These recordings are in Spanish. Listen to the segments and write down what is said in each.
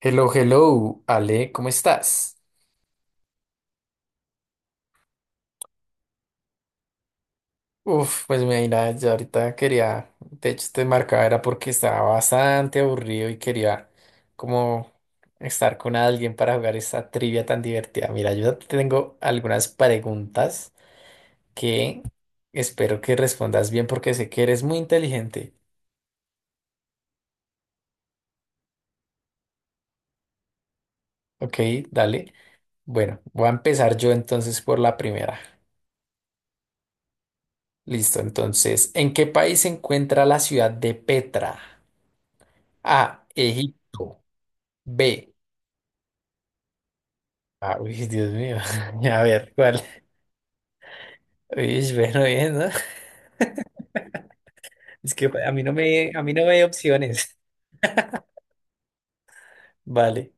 Hello, hello, Ale, ¿cómo estás? Uf, pues mira, ya ahorita quería, de hecho te marcaba era porque estaba bastante aburrido y quería como estar con alguien para jugar esta trivia tan divertida. Mira, yo te tengo algunas preguntas que espero que respondas bien porque sé que eres muy inteligente. Ok, dale. Bueno, voy a empezar yo entonces por la primera. Listo, entonces, ¿en qué país se encuentra la ciudad de Petra? A, Egipto. B. Ah, uy, Dios mío. A ver, ¿cuál? Uy, bueno, bien, ¿no? Es que a mí no me hay opciones. Vale.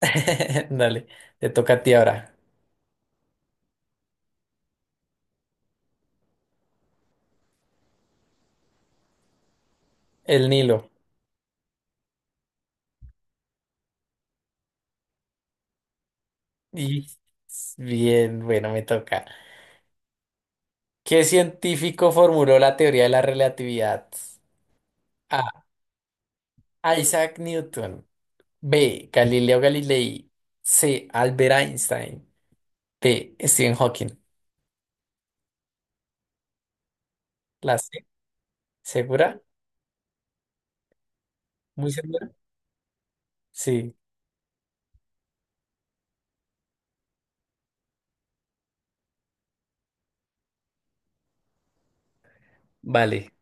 Dale, te toca a ti ahora. El Nilo. Y bien, bueno, me toca. ¿Qué científico formuló la teoría de la relatividad? A. Isaac Newton. B. Galileo Galilei. C. Albert Einstein. D. Stephen Hawking. ¿La C? ¿Segura? ¿Muy segura? Sí. Vale.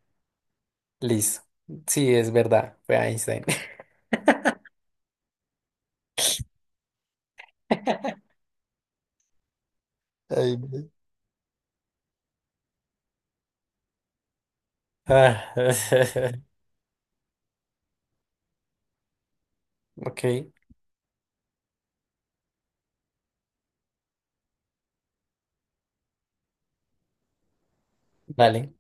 Listo. Sí, es verdad, fue Einstein. Ay, no. Ah, ok, dale.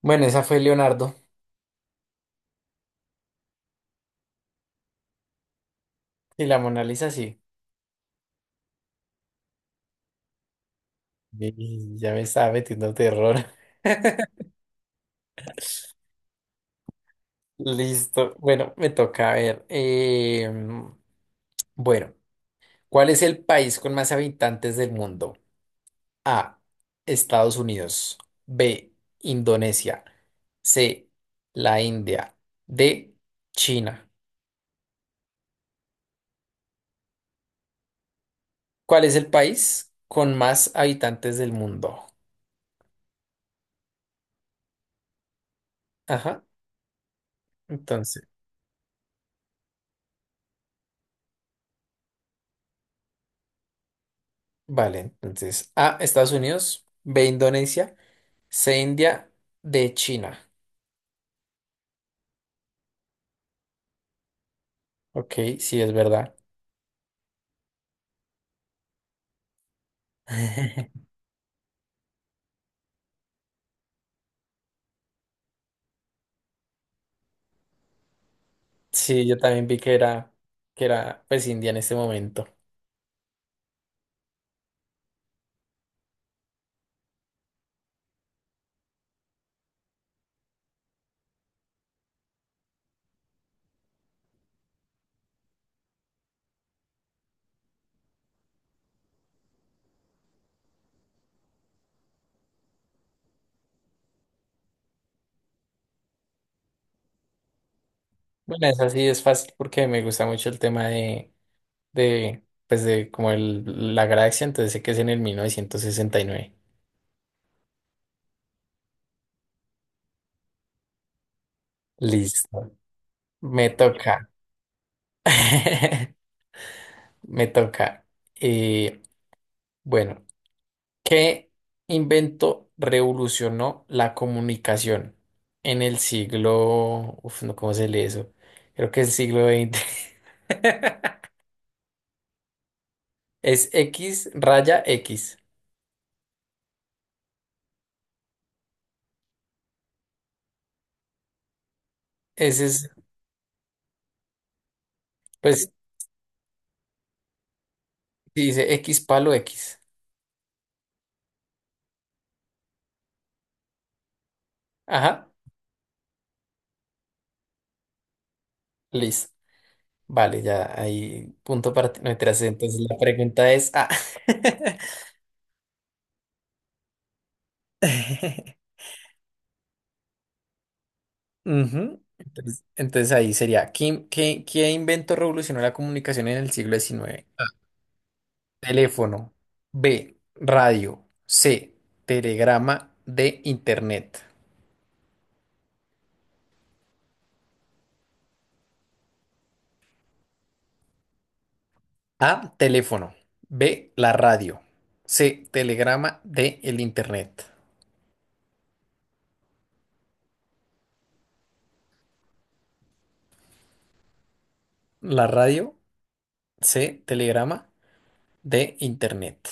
Bueno, esa fue Leonardo. Y la Mona Lisa sí. Y ya me estaba metiendo terror. Listo. Bueno, me toca a ver. Bueno, ¿cuál es el país con más habitantes del mundo? A. Estados Unidos. B. Indonesia. C. La India. D. China. ¿Cuál es el país con más habitantes del mundo? Ajá. Entonces, vale. Entonces, A, Estados Unidos, B, Indonesia, C, India, D, China. Ok, sí, es verdad. Sí, yo también vi que era pues India en este momento. Bueno, esa sí es fácil porque me gusta mucho el tema de pues de como el, la galaxia, entonces sé que es en el 1969. Listo. Me toca. Me toca. Eh, Bueno, ¿qué invento revolucionó la comunicación en el siglo... Uf, no, ¿cómo se lee eso? Creo que es el siglo XX. Es X raya X. Ese es, pues, si dice X palo X. Ajá, listo. Vale, ya ahí punto para ti. No, mentiras, entonces la pregunta es... ah. Ujú. Entonces, entonces ahí sería, ¿¿qué invento revolucionó la comunicación en el siglo XIX? Teléfono. B. Radio. C. Telegrama. D. Internet. A. Teléfono. B. La radio. C. Telegrama. D. El Internet. La radio. C. Telegrama. D. Internet.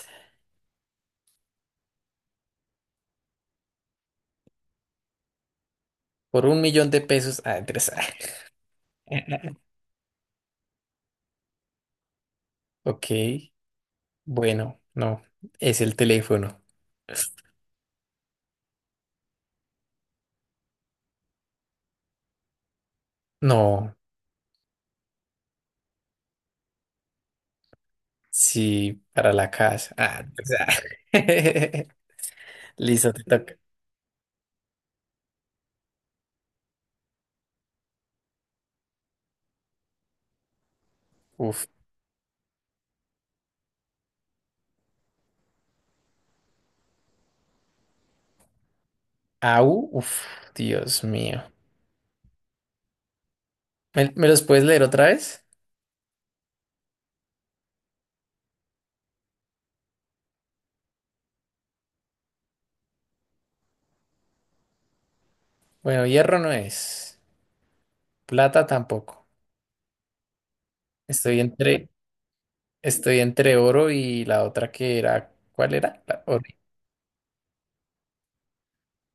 Por 1.000.000 de pesos. Ah, interesante. Ok. Bueno, no. Es el teléfono. No. Sí, para la casa. Ah, interesante. Listo, te toca. Uf. Au, uf, Dios mío. ¿Me, me los puedes leer otra vez? Bueno, hierro no es, plata tampoco. Estoy entre, estoy entre oro y la otra que era, ¿cuál era? La oro.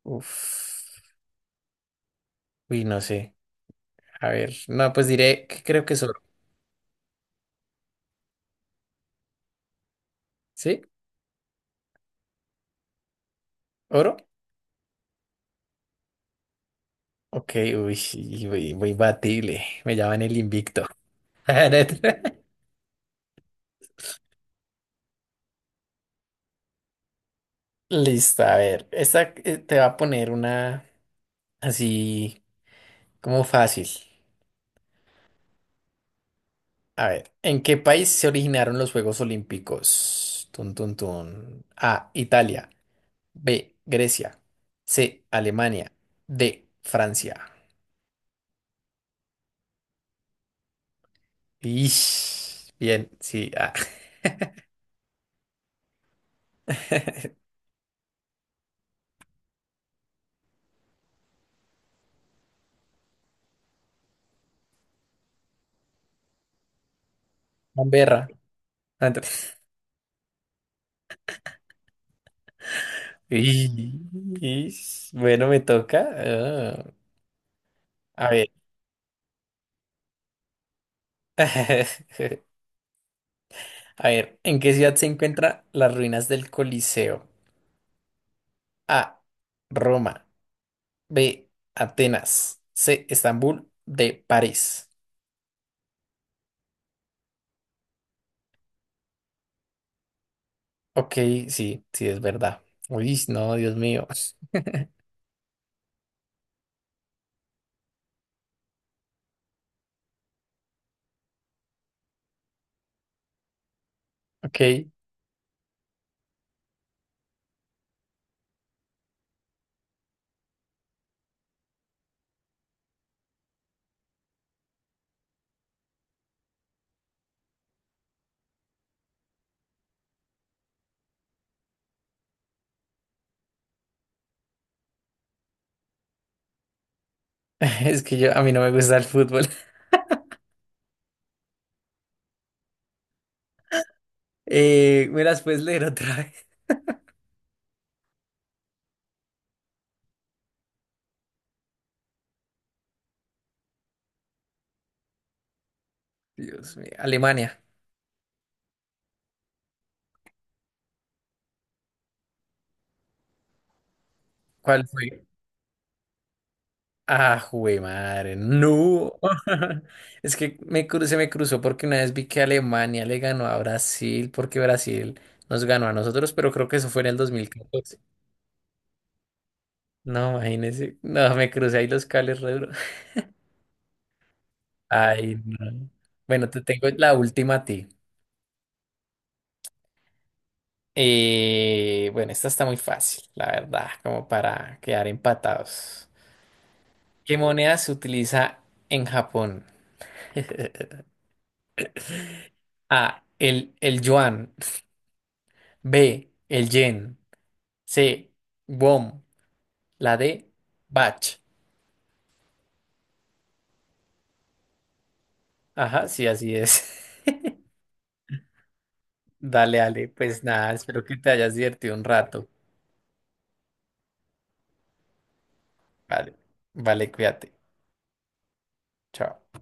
Uf, uy, no sé. A ver, no, pues diré que creo que es oro. ¿Sí? ¿Oro? Ok, uy, sí, uy, muy batible. Me llaman el invicto. Listo, a ver, esta te va a poner una así como fácil. A ver, ¿en qué país se originaron los Juegos Olímpicos? Tun, tun, tun. A, Italia. B, Grecia. C, Alemania. D, Francia. Ish, bien, sí. Ah. Canberra. Ah, ent- Ish, ish. Bueno, me toca. Ah, a ver. A ver, ¿en qué ciudad se encuentran las ruinas del Coliseo? A, Roma. B, Atenas. C, Estambul. D, París. Ok, sí, sí, es verdad. Uy, no, Dios mío. Ok, es que yo, a mí no me gusta el fútbol. ¿Me las puedes leer otra vez? Dios mío, Alemania. ¿Cuál fue? Ah, jue madre, no. Es que me cru- se me cruzó porque una vez vi que Alemania le ganó a Brasil, porque Brasil nos ganó a nosotros, pero creo que eso fue en el 2014. No, imagínese. No, me crucé ahí los cables re duro. Ay, no. Bueno, te tengo la última a ti. Bueno, esta está muy fácil, la verdad, como para quedar empatados. ¿Qué moneda se utiliza en Japón? A. El yuan. B. El yen. C. Won. La D. Bach. Ajá, sí, así es. Dale, Ale. Pues nada, espero que te hayas divertido un rato. Vale, vale, cuídate. Chao.